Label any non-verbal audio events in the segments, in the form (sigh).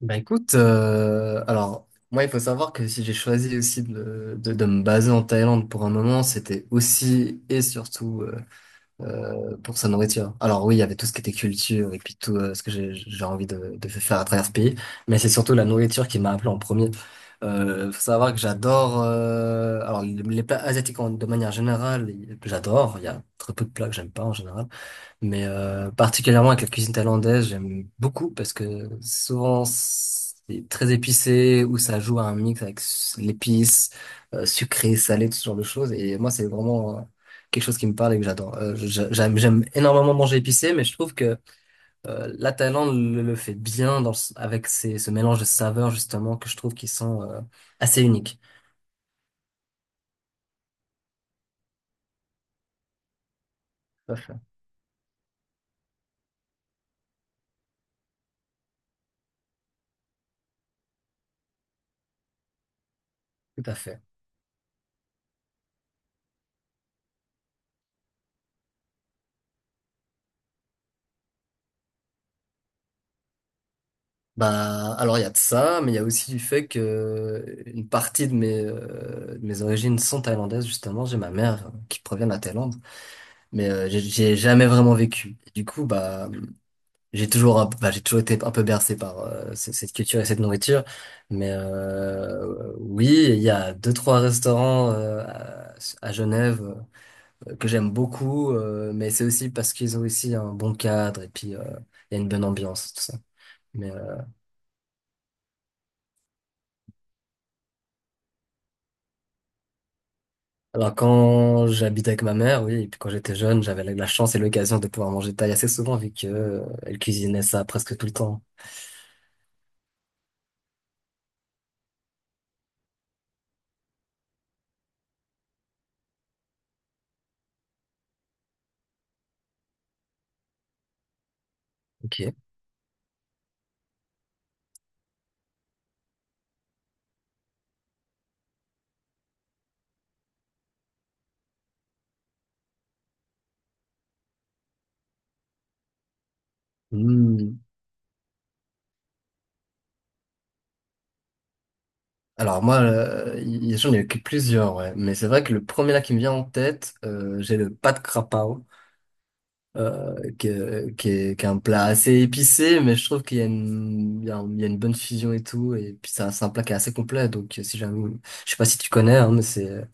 Alors moi il faut savoir que si j'ai choisi aussi de me baser en Thaïlande pour un moment, c'était aussi et surtout pour sa nourriture. Alors oui, il y avait tout ce qui était culture et puis tout ce que j'ai envie de faire à travers ce pays, mais c'est surtout la nourriture qui m'a appelé en premier. Faut savoir que j'adore, alors les plats asiatiques de manière générale, j'adore. Il y a très peu de plats que j'aime pas en général. Particulièrement avec la cuisine thaïlandaise, j'aime beaucoup parce que souvent c'est très épicé ou ça joue à un mix avec l'épice, sucré, salé, tout ce genre de choses. Et moi, c'est vraiment quelque chose qui me parle et que j'adore. J'aime énormément manger épicé, mais je trouve que la Thaïlande le fait bien avec ce mélange de saveurs justement que je trouve qui sont assez uniques. Tout à fait. Tout à fait. Bah, alors il y a de ça, mais il y a aussi du fait que une partie de de mes origines sont thaïlandaises, justement. J'ai ma mère qui provient de la Thaïlande, mais j'ai jamais vraiment vécu. Et du coup, bah, j'ai j'ai toujours été un peu bercé par cette culture et cette nourriture. Oui, il y a deux, trois restaurants à Genève que j'aime beaucoup, mais c'est aussi parce qu'ils ont aussi un bon cadre et puis il y a une bonne ambiance, tout ça. Alors quand j'habite avec ma mère, oui, et puis quand j'étais jeune, j'avais la chance et l'occasion de pouvoir manger thaï assez souvent vu que elle cuisinait ça presque tout le temps. Ok. Hmm. Alors moi, j'en ai eu plusieurs, ouais. Mais c'est vrai que le premier là qui me vient en tête, j'ai le pad krapao, qui est, qui est un plat assez épicé, mais je trouve qu'il y a il y a il y a une bonne fusion et tout, et puis ça, c'est un plat qui est assez complet. Donc si jamais, je sais pas si tu connais, hein, mais c'est...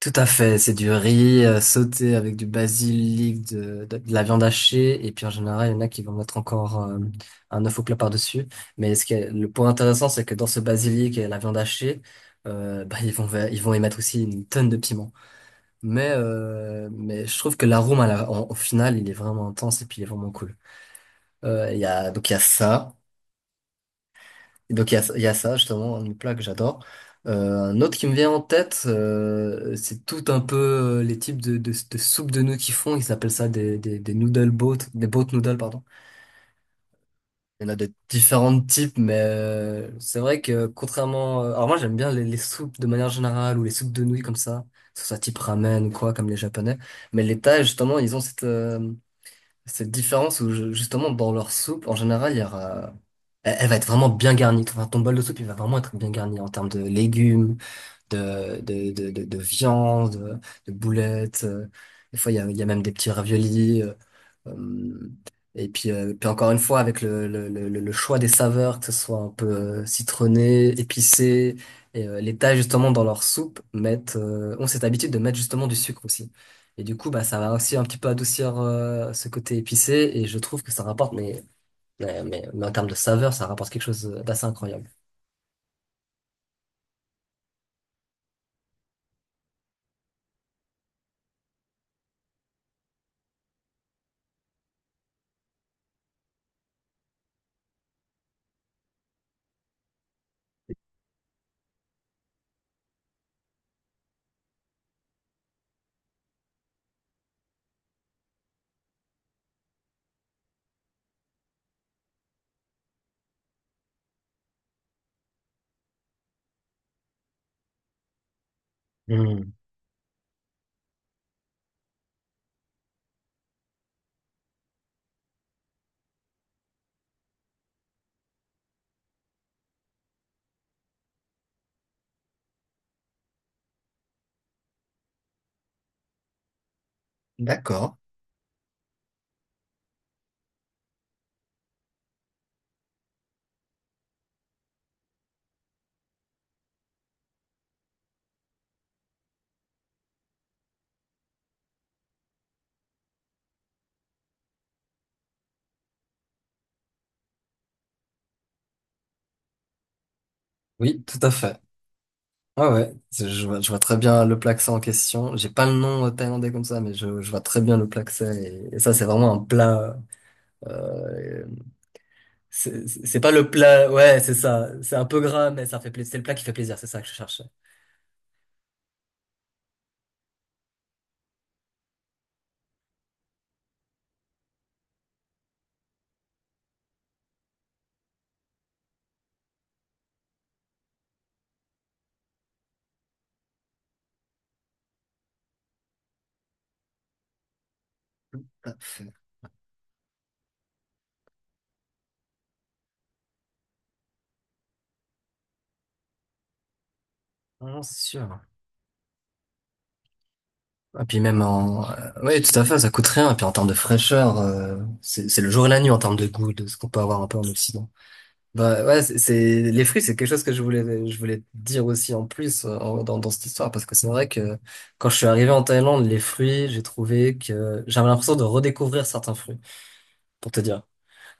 Tout à fait, c'est du riz sauté avec du basilic, de la viande hachée, et puis en général, il y en a qui vont mettre encore un œuf au plat par-dessus. Mais ce qui est le point intéressant, c'est que dans ce basilic et la viande hachée, bah, ils vont y mettre aussi une tonne de piment. Mais je trouve que l'arôme au final, il est vraiment intense et puis il est vraiment cool. Donc il y a ça. Donc il y a ça justement, un plat que j'adore. Un autre qui me vient en tête, c'est tout un peu les types de soupes de nouilles qu'ils font. Ils appellent ça des noodle boat, des boat noodles, pardon. Il y en a de différents types, mais c'est vrai que contrairement... alors moi j'aime bien les soupes de manière générale ou les soupes de nouilles comme ça, que ce soit type ramen ou quoi, comme les japonais. Mais les Thaïs justement, ils ont cette... cette différence où justement dans leur soupe, en général, il y aura... Elle va être vraiment bien garnie. Enfin, ton bol de soupe, il va vraiment être bien garni en termes de légumes, de viande, de boulettes. Des fois, il y a même des petits raviolis. Euh, Puis encore une fois, avec le choix des saveurs, que ce soit un peu citronné, épicé, et les Thaïs, justement, dans leur soupe, ont cette habitude de mettre justement du sucre aussi. Et du coup, bah, ça va aussi un petit peu adoucir ce côté épicé, et je trouve que ça rapporte, mais en termes de saveur, ça rapporte quelque chose d'assez incroyable. Hmm. D'accord. Oui, tout à fait. Ouais, ouais, je vois très bien le plaksé en question. J'ai pas le nom thaïlandais comme ça, je vois très bien le plaksé. Et ça, c'est vraiment un plat. Euh, c'est pas le plat. Ouais, c'est ça. C'est un peu gras, mais ça fait plaisir. C'est le plat qui fait plaisir. C'est ça que je cherchais. Non, non, c'est sûr. Et puis même en. Ouais, tout à fait. Ça coûte rien. Et puis en termes de fraîcheur, c'est le jour et la nuit en termes de goût de ce qu'on peut avoir un peu en Occident. Bah ouais, les fruits, c'est quelque chose que je voulais te dire aussi en plus dans cette histoire parce que c'est vrai que quand je suis arrivé en Thaïlande, les fruits, j'ai trouvé que j'avais l'impression de redécouvrir certains fruits pour te dire.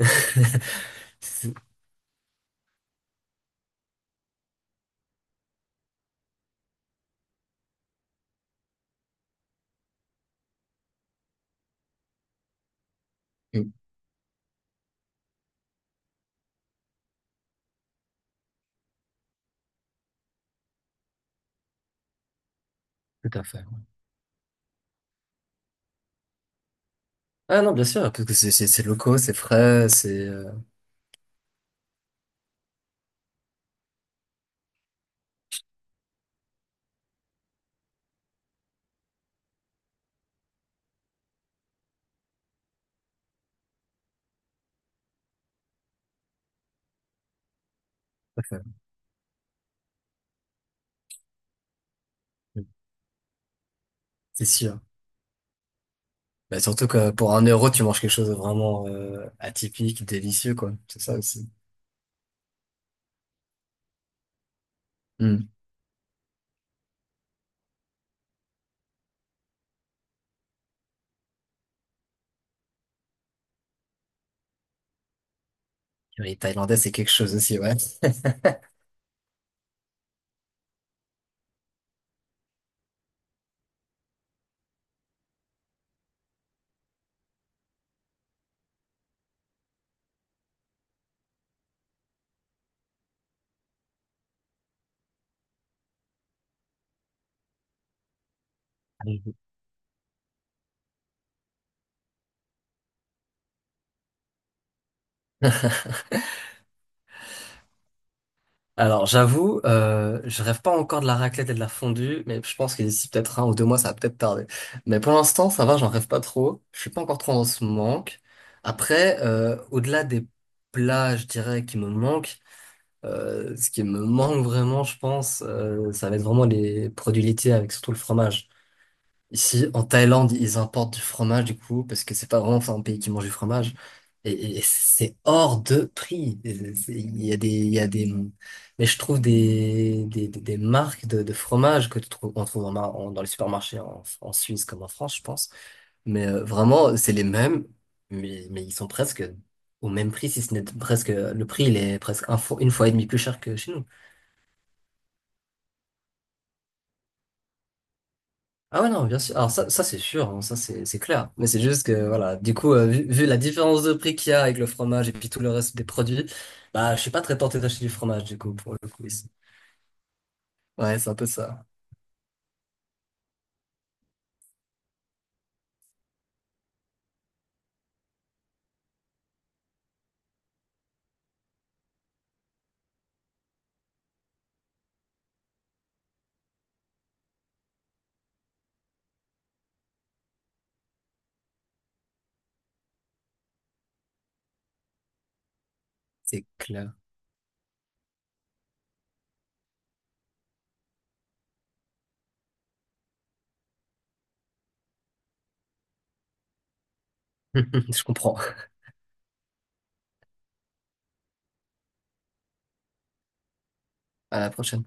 (laughs) C'est... Mm. Tout à fait. Ah non, bien sûr, parce que c'est locaux, c'est frais, c'est tout à fait. Mm. C'est sûr. Bah surtout que pour un euro, tu manges quelque chose de vraiment atypique, délicieux quoi. C'est ça aussi. Mm. Les Thaïlandais, c'est quelque chose aussi, ouais. (laughs) Allez-y. (laughs) Alors, j'avoue, je rêve pas encore de la raclette et de la fondue, mais je pense que d'ici peut-être un ou deux mois, ça va peut-être tarder. Mais pour l'instant, ça va, j'en rêve pas trop. Je suis pas encore trop dans ce manque. Après, au-delà des plats, je dirais, qui me manquent, ce qui me manque vraiment, je pense, ça va être vraiment les produits laitiers avec surtout le fromage. Ici, en Thaïlande, ils importent du fromage, du coup, parce que c'est pas vraiment enfin, un pays qui mange du fromage. Et c'est hors de prix. Il y a des, mais je trouve des marques de fromage que tu trouves, on trouve dans les supermarchés en Suisse comme en France, je pense. Vraiment, c'est les mêmes, mais ils sont presque au même prix, si ce n'est presque, le prix, il est presque un une fois et demie plus cher que chez nous. Ah ouais, non, bien sûr. Alors ça c'est sûr, hein, ça c'est clair. Mais c'est juste que, voilà, du coup, vu la différence de prix qu'il y a avec le fromage et puis tout le reste des produits, bah, je suis pas très tenté d'acheter du fromage, du coup, pour le coup, ici. Ouais, c'est un peu ça. C'est clair. (laughs) Je comprends. À la prochaine.